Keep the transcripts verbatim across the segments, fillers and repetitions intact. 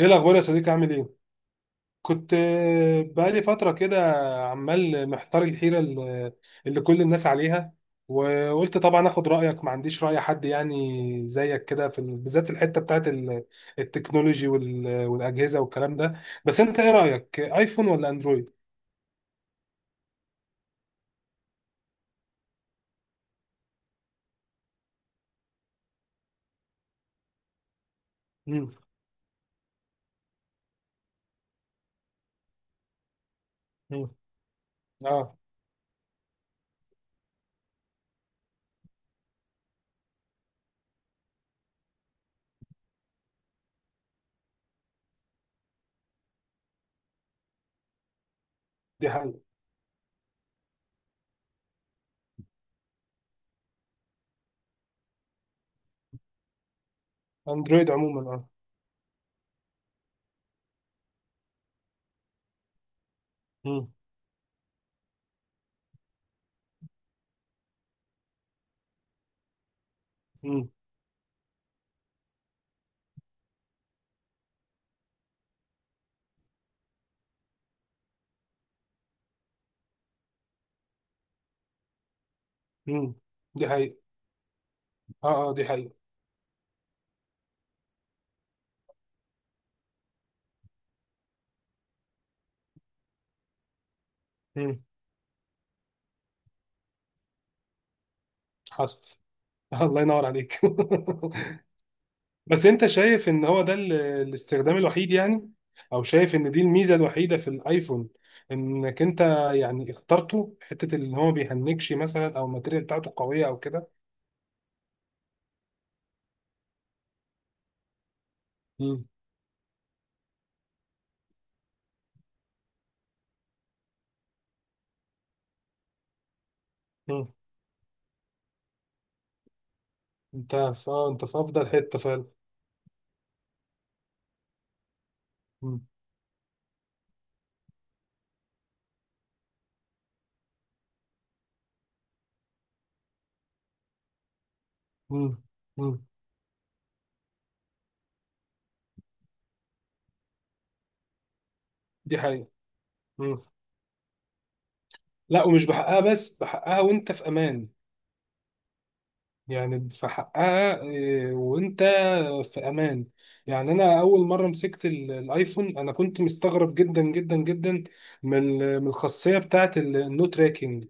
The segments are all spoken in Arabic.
ايه الاخبار يا صديقي؟ عامل ايه؟ كنت آه، بقالي فتره كده، عمال محتار الحيره اللي اللي كل الناس عليها، وقلت طبعا اخد رايك، ما عنديش راي حد يعني زيك كده في ال- بالذات في الحته بتاعت ال- التكنولوجي وال- والاجهزه والكلام ده، بس انت ايه رايك، ايفون ولا اندرويد؟ امم. امم. اه. دي حقيقه. اندرويد عموما اه. امم. امم. امم. دي حقيقه. اه اه دي حقيقه. امم. حصل. الله ينور عليك. بس انت شايف ان هو ده ال- الاستخدام الوحيد يعني؟ او شايف ان دي الميزه الوحيده في الايفون؟ انك انت يعني اخترته حته اللي هو ما بيهنكش مثلا، او الماتيريال بتاعته قويه او كده؟ مم. مم. انت في اه انت في افضل حته فعلا. مم. مم. مم. دي حقيقه. مم. لا، ومش بحقها، بس بحقها وانت في امان، يعني في حقها إيه، وانت في امان. يعني انا اول مره مسكت ال- الايفون انا كنت مستغرب جدا جدا جدا من ال- من الخاصيه بتاعه النو تراكنج.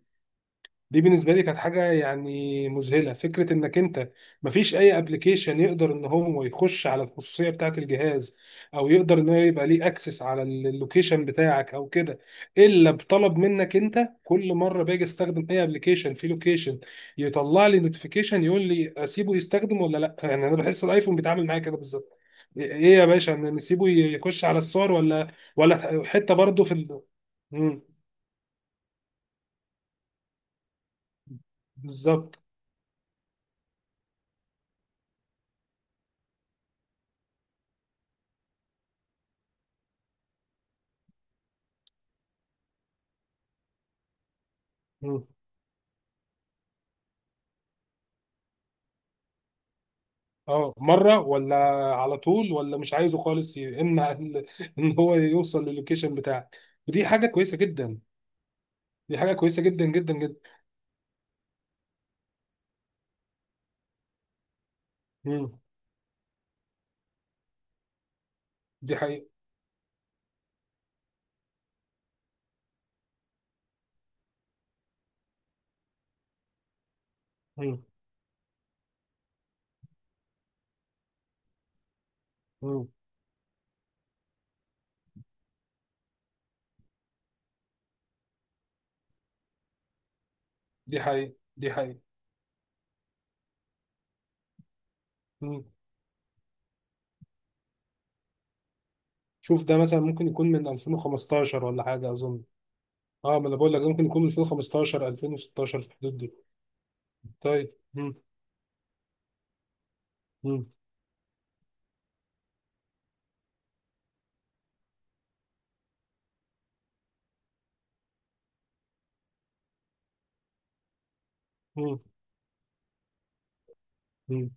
دي بالنسبه لي كانت حاجه يعني مذهله، فكره انك انت مفيش اي ابلكيشن يقدر ان هو يخش على الخصوصيه بتاعه الجهاز، او يقدر ان هو يبقى ليه اكسس على اللوكيشن بتاعك او كده، الا بطلب منك انت. كل مره باجي استخدم اي ابلكيشن في لوكيشن يطلع لي نوتيفيكيشن يقول لي اسيبه يستخدم ولا لا، يعني انا بحس الايفون بيتعامل معايا كده بالظبط. ايه إيه يا باشا، نسيبه يخش على الصور ولا ولا حته برضه في ال... مم، بالظبط. اه مرة ولا على طول، ولا مش عايزه خالص، يمنع ال- ان هو يوصل للوكيشن بتاعك. ودي حاجة كويسة جدا. دي حاجة كويسة جدا جدا جدا. مم. دي حقيقة. مم. مم. دي حقيقة، دي حقيقة. مم. شوف ده مثلا ممكن يكون من ألفين وخمستاشر ولا حاجة أظن. اه، ما انا بقول لك ده ممكن يكون من ألفين وخمستاشر ألفين وستاشر في الحدود دي. طيب. مم. مم. مم.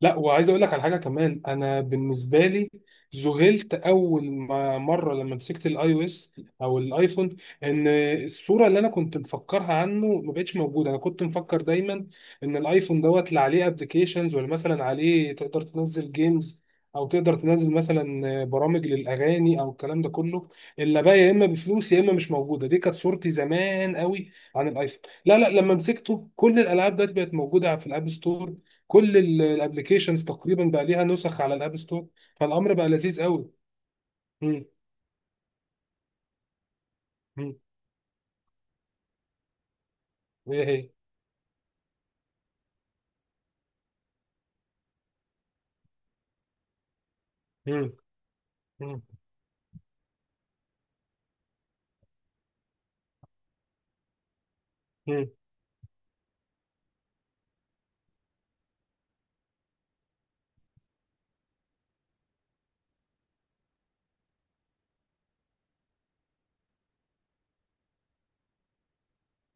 لا، وعايز اقول لك على حاجه كمان، انا بالنسبه لي ذهلت اول ما مره لما مسكت الاي او اس او الايفون، ان الصوره اللي انا كنت مفكرها عنه ما بقتش موجوده. انا كنت مفكر دايما ان الايفون دوت اللي عليه ابلكيشنز، ولا مثلا عليه تقدر تنزل جيمز، او تقدر تنزل مثلا برامج للاغاني او الكلام ده كله، اللي بقى يا اما بفلوس يا اما مش موجوده. دي كانت صورتي زمان قوي عن الايفون. لا لا، لما مسكته كل الالعاب دلوقتي بقت موجوده في الاب ستور، كل الابلكيشنز تقريبا بقى ليها نسخ على الاب ستور، فالامر بقى لذيذ قوي. مم. مم. وهي هي. مم. مم. مم.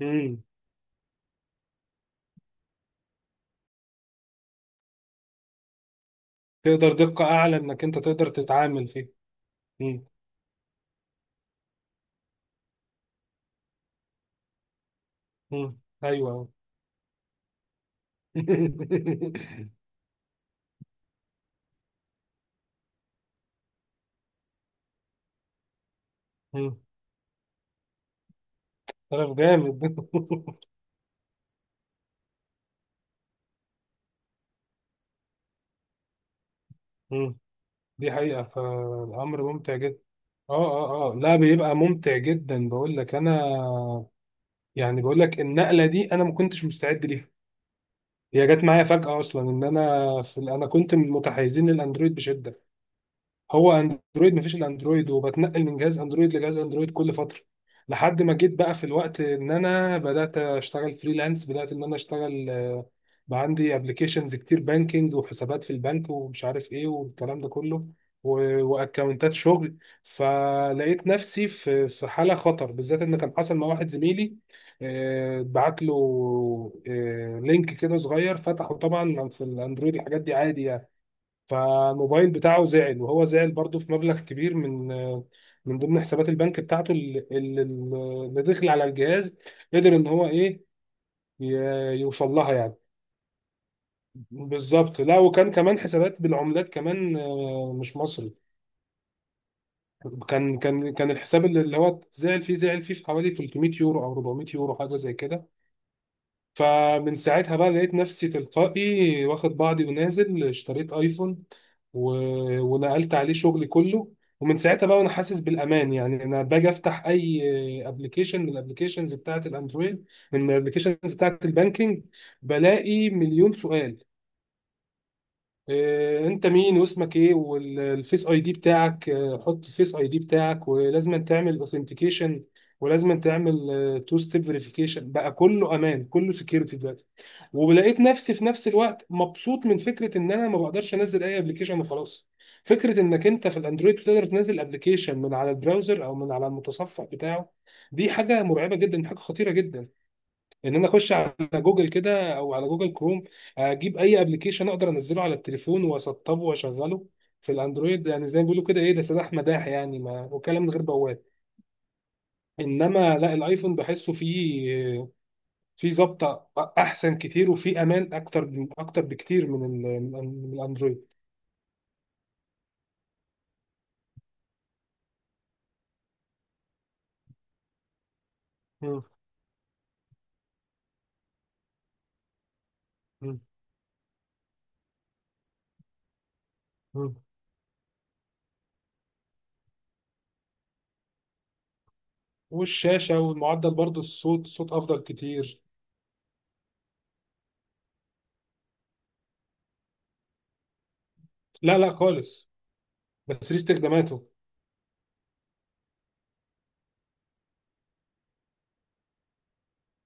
مم. تقدر دقة اعلى انك انت تقدر تتعامل فيه. مم. مم. ايوه. مم. طرف جامد. مم. دي حقيقة، فالامر ممتع جدا. اه. اه اه، لا بيبقى ممتع جدا، بقول لك انا، يعني بقول لك النقلة دي انا ما كنتش مستعد ليها. هي جت معايا فجأة أصلا، إن أنا في ال- أنا كنت من متحيزين للأندرويد بشدة. هو اندرويد مفيش الا اندرويد، وبتنقل من جهاز اندرويد لجهاز اندرويد كل فتره، لحد ما جيت بقى في الوقت ان انا بدات اشتغل فريلانس، بدات ان انا اشتغل آه، بقى عندي ابلكيشنز كتير، بانكينج، وحسابات في البنك ومش عارف ايه والكلام ده كله، و- واكونتات شغل. فلقيت نفسي في في حاله خطر، بالذات ان كان حصل مع واحد زميلي، آه، بعت له آه، لينك كده صغير، فتحه طبعا في الاندرويد الحاجات دي عادي يعني. فالموبايل بتاعه زعل، وهو زعل برضه في مبلغ كبير من من ضمن حسابات البنك بتاعته اللي, اللي اللي داخل على الجهاز. قدر ان هو ايه، ي- يوصل لها يعني. بالظبط، لا، وكان كمان حسابات بالعملات كمان آه، مش مصري. كان كان كان الحساب اللي اللي هو زعل فيه، زعل فيه في حوالي 300 يورو او 400 يورو حاجه زي كده. فمن ساعتها بقى لقيت نفسي تلقائي واخد بعضي ونازل اشتريت ايفون. و... ونقلت عليه شغلي كله. ومن ساعتها بقى وانا حاسس بالامان. يعني انا باجي افتح اي ابلكيشن من الابلكيشنز بتاعه الاندرويد، من الابلكيشنز بتاعه البانكينج، بلاقي مليون سؤال. آه، انت مين، واسمك ايه، والفيس اي دي بتاعك، آه، حط الفيس اي دي بتاعك، ولازم تعمل اوثنتيكيشن، ولازم تعمل تو ستيب فيريفيكيشن، بقى كله امان، كله سكيورتي دلوقتي. ولقيت نفسي في نفس الوقت مبسوط من فكره ان انا ما بقدرش انزل اي ابلكيشن وخلاص. فكره انك انت في الاندرويد بتقدر تنزل ابلكيشن من على البراوزر او من على المتصفح بتاعه، دي حاجه مرعبه جدا، حاجه خطيره جدا. ان انا اخش على جوجل كده او على جوجل كروم، اجيب اي ابلكيشن اقدر انزله على التليفون واسطبه واشغله، في الاندرويد، يعني زي ما بيقولوا كده، ايه ده، سلاح مداح يعني، ما وكلام من غير بواب. انما لا، الايفون بحسه فيه فيه ظبطه، احسن كتير، وفيه امان اكتر اكتر بكتير من ال- من الاندرويد. مم. مم. مم. والشاشه والمعدل برضه، الصوت صوت افضل كتير. لا لا خالص، بس ليه استخداماته.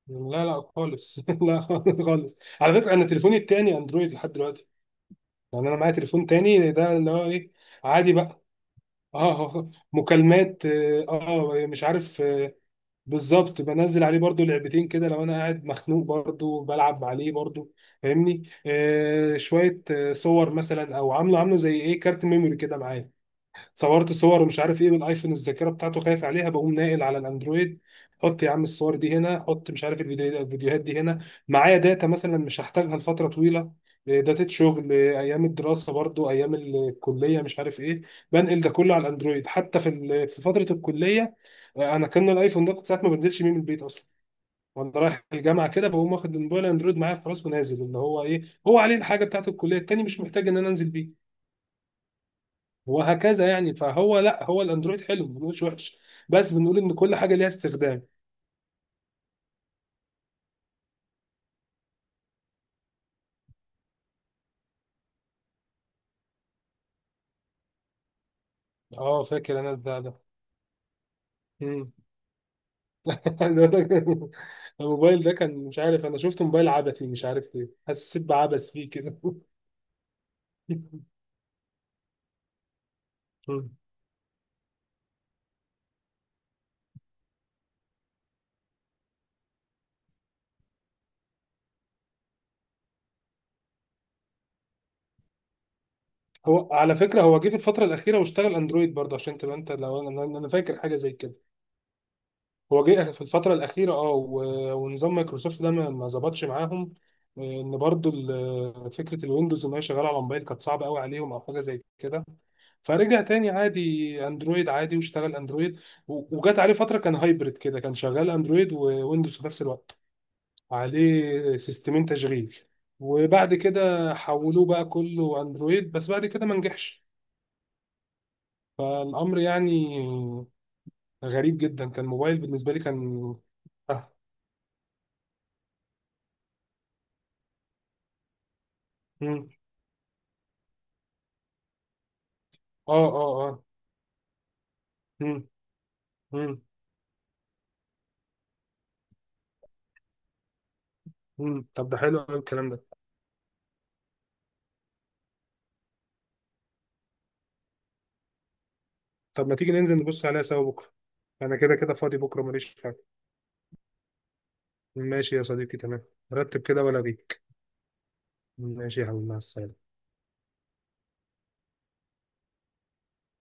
لا لا خالص. لا خالص. على فكره، انا تليفوني التاني اندرويد لحد دلوقتي. يعني انا معايا تليفون تاني ده اللي هو ايه، عادي بقى، اه آه، آه، مكالمات، اه آه، مش عارف آه، بالظبط. بنزل عليه برضو لعبتين كده، لو انا قاعد مخنوق برضو بلعب عليه برضو، فاهمني، آه شويه آه، صور مثلا، او عامله عامله زي ايه، كارت ميموري كده معايا، صورت صور ومش عارف ايه، والايفون الذاكره بتاعته خايف عليها، بقوم ناقل على الاندرويد. حط يا عم الصور دي هنا، حط مش عارف الفيديو- الفيديوهات دي هنا. معايا داتا مثلا مش هحتاجها لفتره طويله، إيه، داتا شغل، إيه، ايام الدراسه برضو، ايام الكليه مش عارف ايه، بنقل ده كله على الاندرويد، حتى في ال- في فتره الكليه آه، انا كان الايفون ده كنت ساعات ما بنزلش بيه من البيت اصلا. وانا رايح الجامعه كده بقوم واخد الموبايل اندرويد معايا خلاص، ونازل، اللي هو ايه، هو عليه الحاجه بتاعت الكليه التاني، مش محتاج ان انا انزل بيه، وهكذا يعني. فهو لا، هو الاندرويد حلو، ما بنقولش وحش، بس بنقول ان كل حاجه ليها استخدام. اه فاكر، انا البتاع ده. مم. عايز أقول لك، الموبايل ده كان مش عارف، انا شفت موبايل عبثي، مش عارف ليه حسيت بعبث فيه كده. مم. هو على فكره هو جه في الفتره الاخيره واشتغل اندرويد برضه، عشان تبقى انت، لو انا انا أنا فاكر حاجه زي كده، هو جه في الفترة الأخيرة اه، و- ونظام مايكروسوفت ده ما ما ظبطش معاهم. إن برضو ال- فكرة الويندوز إن هي شغالة على موبايل كانت صعبة قوي عليهم، أو حاجة زي كده. فرجع تاني عادي اندرويد، عادي واشتغل اندرويد، و- وجات عليه فتره كان هايبرد كده، كان شغال اندرويد وويندوز في نفس الوقت، عليه سيستمين تشغيل. وبعد كده حولوه بقى كله اندرويد، بس بعد كده ما نجحش. فالامر يعني غريب جدا، كان موبايل بالنسبه لي كان آه. اه اه اه. مم. مم. مم. طب ده حلو قوي الكلام ده. طب ما تيجي ننزل نبص عليها سوا بكره؟ انا كده كده فاضي بكره ماليش حاجه. ماشي يا صديقي تمام. رتب كده ولا بيك. ماشي يا حبيبي مع السلامه.